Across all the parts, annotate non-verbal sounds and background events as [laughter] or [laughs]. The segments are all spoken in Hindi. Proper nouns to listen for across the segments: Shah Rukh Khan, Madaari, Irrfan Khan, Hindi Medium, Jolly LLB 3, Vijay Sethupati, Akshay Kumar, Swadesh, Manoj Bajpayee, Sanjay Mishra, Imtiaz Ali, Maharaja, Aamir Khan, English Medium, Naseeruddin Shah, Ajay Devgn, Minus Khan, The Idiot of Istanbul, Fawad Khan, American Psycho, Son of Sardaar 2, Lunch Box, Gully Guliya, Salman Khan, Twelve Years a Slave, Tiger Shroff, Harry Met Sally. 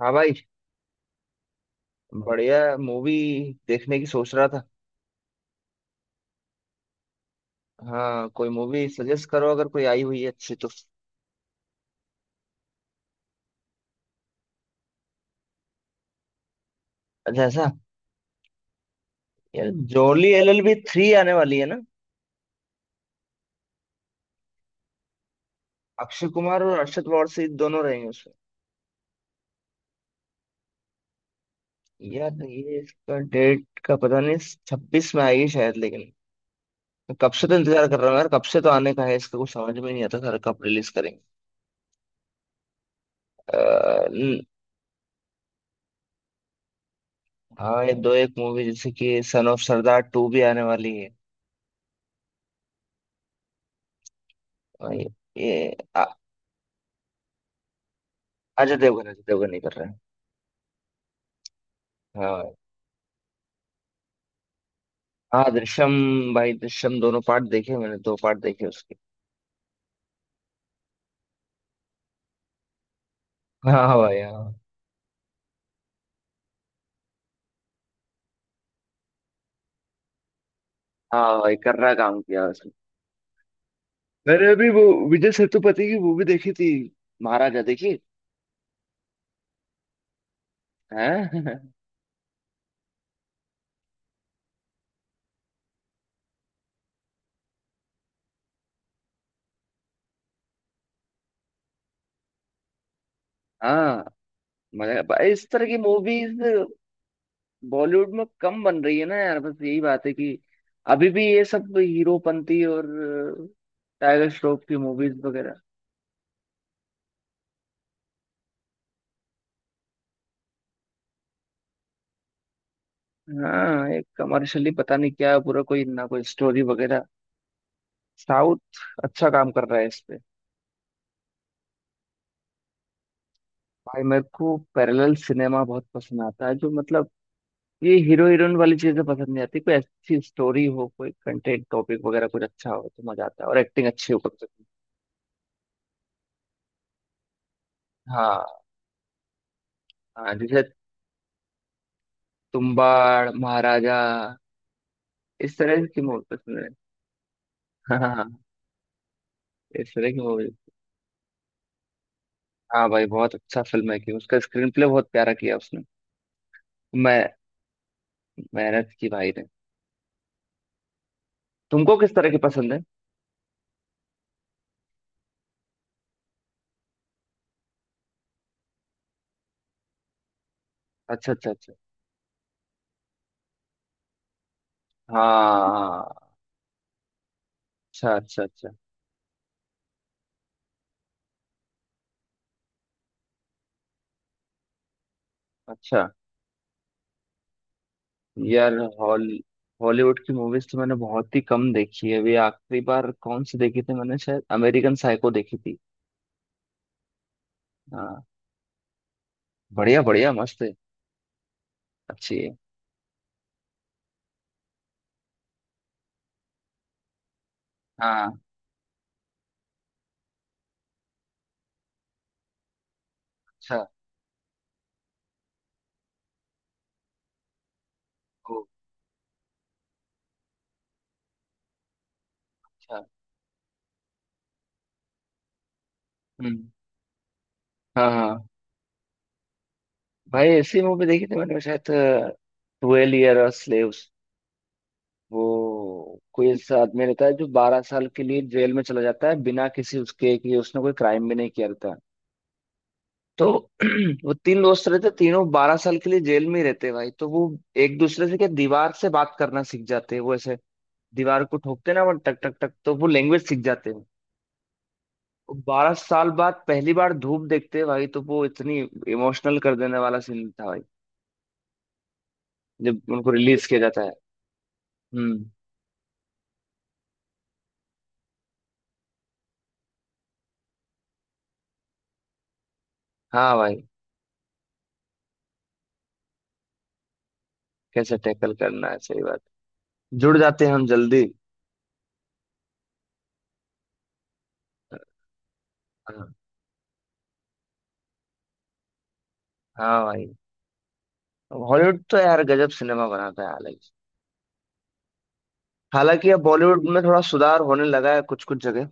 हाँ भाई। बढ़िया मूवी देखने की सोच रहा था। हाँ, कोई मूवी सजेस्ट करो अगर कोई आई हुई है अच्छी तो। अच्छा ऐसा। यार, जोली एलएलबी 3 आने वाली है ना। अक्षय कुमार और अरशद वारसी दोनों रहेंगे उसमें। यार ये इसका डेट का पता नहीं। 26 में आएगी शायद, लेकिन मैं कब से तो इंतजार कर रहा हूँ यार। कब से तो आने का है इसका कुछ समझ में नहीं आता। सर कब रिलीज करेंगे। अ, न- हाँ, ये दो एक मूवी जैसे कि सन ऑफ सरदार 2 भी आने वाली है। और ये अ- अजय देवगन नहीं कर रहे हैं। हाँ। हाँ दृश्यम। भाई दृश्यम दोनों पार्ट देखे मैंने, दो पार्ट देखे उसके। हाँ भाई हाँ। हाँ भाई, कर्रा काम किया उसने। मैंने अभी वो विजय सेतुपति की मूवी देखी थी। महाराजा देखी। हैं। [laughs] हाँ, मगर भाई इस तरह की मूवीज बॉलीवुड में कम बन रही है ना यार। बस यही बात है कि अभी भी ये सब हीरोपंती और टाइगर श्रॉफ की मूवीज वगैरह। हाँ, एक कमर्शियली पता नहीं क्या है पूरा, कोई ना कोई स्टोरी वगैरह। साउथ अच्छा काम कर रहा है इस पे। भाई मेरे को पैरेलल सिनेमा बहुत पसंद आता है, जो मतलब ये हीरो हीरोइन वाली चीजें पसंद नहीं आती। कोई अच्छी स्टोरी हो, कोई कंटेंट टॉपिक वगैरह कुछ अच्छा हो तो मजा आता है, और एक्टिंग अच्छी हो कम से कम। हाँ, हाँ, जैसे तुम्बाड़, महाराजा। इस तरह की मूवी पसंद है। [laughs] हाँ हाँ, हाँ, इस तरह की मूवी। हाँ भाई, बहुत अच्छा फिल्म है कि उसका स्क्रीन प्ले बहुत प्यारा किया उसने। मैं मेहनत की भाई ने। तुमको किस तरह की पसंद है। अच्छा अच्छा अच्छा। हाँ हाँ। अच्छा अच्छा अच्छा। अच्छा। यार हॉल हॉलीवुड की मूवीज तो मैंने बहुत ही कम देखी है। अभी आखिरी बार कौन सी देखी थी मैंने, शायद अमेरिकन साइको देखी थी। हाँ, बढ़िया बढ़िया मस्त है। अच्छी है। हाँ। अच्छा। ओ। अच्छा। हम्म। हाँ हाँ। भाई ऐसी मूवी देखी थी मैंने, शायद ट्वेल्व ईयर और स्लेव्स। वो कोई ऐसा आदमी रहता है जो 12 साल के लिए जेल में चला जाता है, बिना किसी उसके कि उसने कोई क्राइम भी नहीं किया रहता। तो [clears throat] वो तीन दोस्त रहते, तीनों 12 साल के लिए जेल में ही रहते भाई, तो वो एक दूसरे से क्या दीवार से बात करना सीख जाते हैं। वो ऐसे दीवार को ठोकते ना, वो टक टक टक, तो वो लैंग्वेज सीख जाते हैं। 12 साल बाद पहली बार धूप देखते हैं भाई, तो वो इतनी इमोशनल कर देने वाला सीन था भाई, जब उनको रिलीज किया जाता है। हम्म। हाँ भाई। कैसे टैकल करना है, सही बात। जुड़ जाते हैं हम जल्दी। हाँ। हाँ भाई। हॉलीवुड तो यार गजब सिनेमा बनाता है। हालांकि हालांकि अब बॉलीवुड में थोड़ा सुधार होने लगा है कुछ कुछ जगह।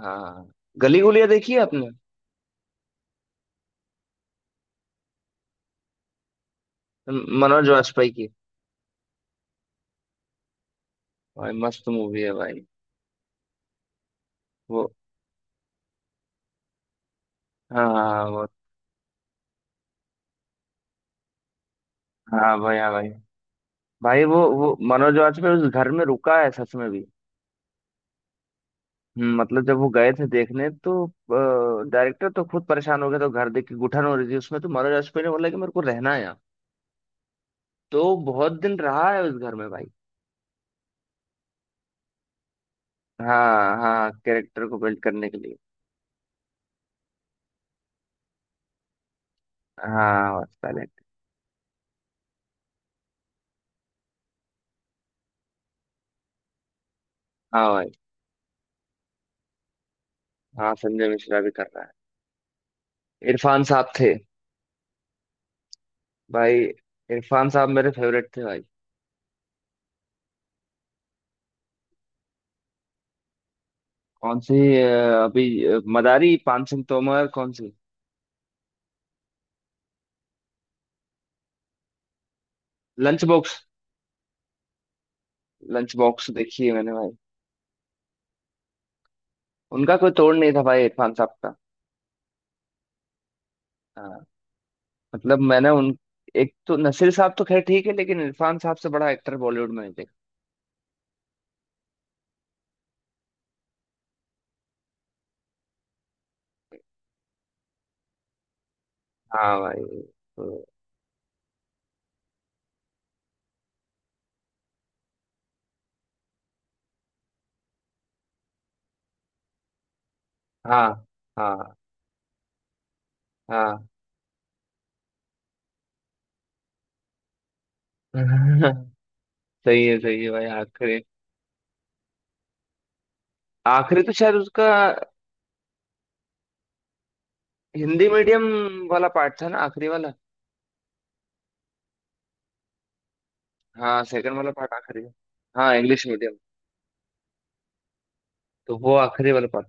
हाँ। गली गुलिया देखी है आपने। मनोज वाजपेयी की। भाई मस्त मूवी है भाई। वो। हाँ हाँ, वो। हाँ भाई हाँ भाई। भाई वो मनोज वाजपेयी उस घर में रुका है सच में भी। मतलब जब वो गए थे देखने तो डायरेक्टर तो खुद परेशान हो गया, तो घर देख के घुटन हो रही थी उसमें, तो मनोज वाजपेयी ने बोला कि मेरे को रहना है यहाँ। तो वो बहुत दिन रहा है उस घर में भाई। हाँ हाँ, कैरेक्टर को बिल्ड करने के लिए। हाँ टैलेंट। हाँ भाई। हाँ संजय मिश्रा भी कर रहा है। इरफान साहब थे। भाई इरफान साहब मेरे फेवरेट थे भाई। कौन सी। अभी मदारी, पान सिंह तोमर, कौन सी। Lunch box. लंच बॉक्स देखी है मैंने भाई। उनका कोई तोड़ नहीं था भाई, इरफान साहब का। हाँ, मतलब मैंने उन, एक तो नसीर साहब तो खैर ठीक है, लेकिन इरफान साहब से बड़ा एक्टर बॉलीवुड में नहीं देखा। हाँ भाई। तो। हाँ हाँ हाँ। [laughs] सही है भाई। आखिरी, आखिरी तो शायद उसका हिंदी मीडियम वाला पार्ट था ना आखिरी वाला। हाँ, सेकंड वाला पार्ट आखिरी है। हाँ, इंग्लिश मीडियम। तो वो आखिरी वाला पार्ट।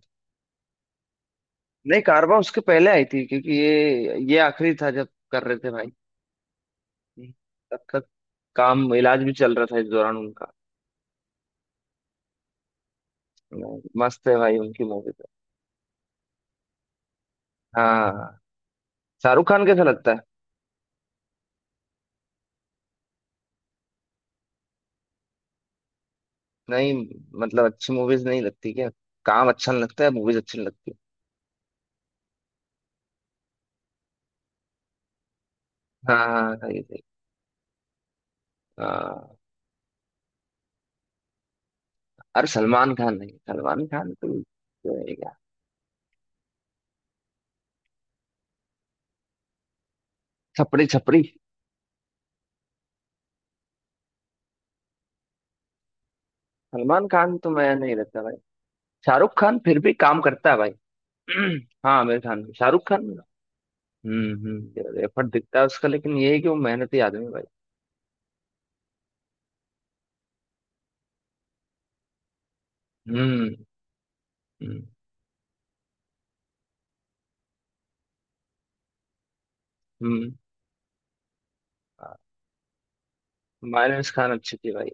नहीं, कारवा उसके पहले आई थी, क्योंकि ये आखिरी था जब कर रहे थे भाई। तब तक काम, इलाज भी चल रहा था इस दौरान उनका। मस्त है भाई उनकी मूवी तो। हाँ। शाहरुख खान कैसा लगता है। नहीं, मतलब अच्छी मूवीज नहीं लगती क्या। काम अच्छा नहीं लगता है, मूवीज अच्छी नहीं लगती। हाँ हाँ, सही सही। हाँ। अरे सलमान खान नहीं, सलमान खान तो है क्या। छपरी छपरी। सलमान खान तो मैं नहीं लगता भाई। शाहरुख खान फिर भी काम करता है भाई। [clears throat] हाँ, आमिर खान भी। शाहरुख खान। हम्म, एफर्ट दिखता है उसका, लेकिन ये है कि वो मेहनती आदमी है भाई। हम्म हम्म हम्म। माइनस खान अच्छी थी भाई।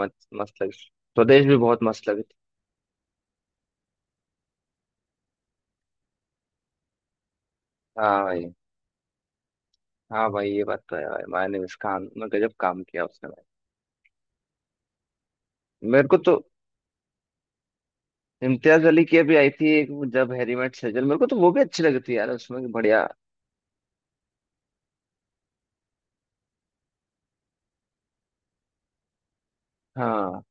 मस्त मस्त लगी, स्वदेश भी बहुत मस्त लगी थी। हाँ भाई हाँ भाई, ये बात तो है भाई, माइनस खान ने गजब काम किया उसने भाई। मेरे को तो इम्तियाज अली की अभी आई थी एक वो, जब हैरी मेट सेजल, मेरे को तो वो भी अच्छी लगी थी यार, उसमें कि बढ़िया। हाँ।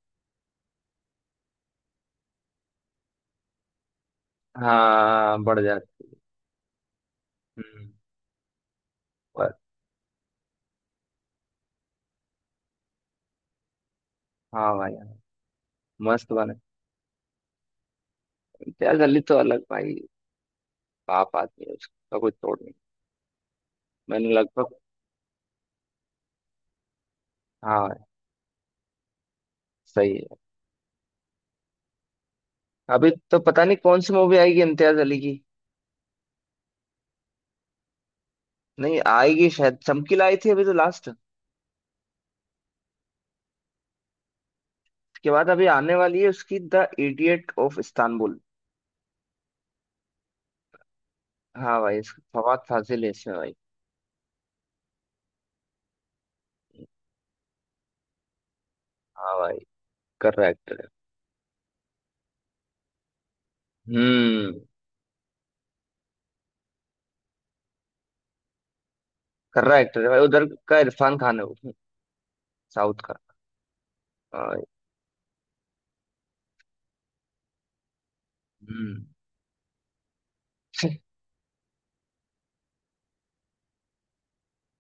हाँ बढ़ जाती। हम्म। पर- हाँ भाई। मस्त बने। इम्तियाज अली तो अलग भाई। बाप आदमी है, उसका कोई तोड़ नहीं। मैंने लगभग। हाँ सही है। अभी तो पता नहीं कौन सी मूवी आएगी इम्तियाज अली की। नहीं आएगी शायद, चमकीला आई थी अभी तो लास्ट। उसके बाद अभी आने वाली है उसकी द इडियट ऑफ इस्तांबुल। हाँ भाई, इसका फवाद फाजिल है इसमें भाई। हाँ भाई। कर्रा एक्टर है। हम्म। कर्रा एक्टर है भाई, उधर का इरफान खान है वो। साउथ का। हाँ भाई। हम्म। [laughs]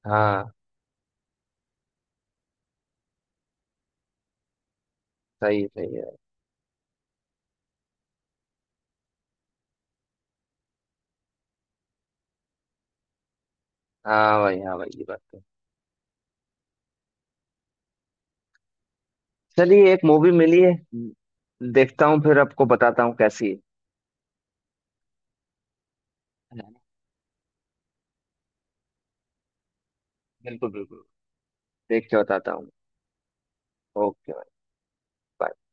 हाँ। सही सही है। हाँ भाई हाँ भाई, ये बात तो है। चलिए, एक मूवी मिली है। देखता हूँ, फिर आपको बताता हूँ कैसी है। है ना? बिल्कुल बिल्कुल। देख के बताता हूँ। ओके। Bye।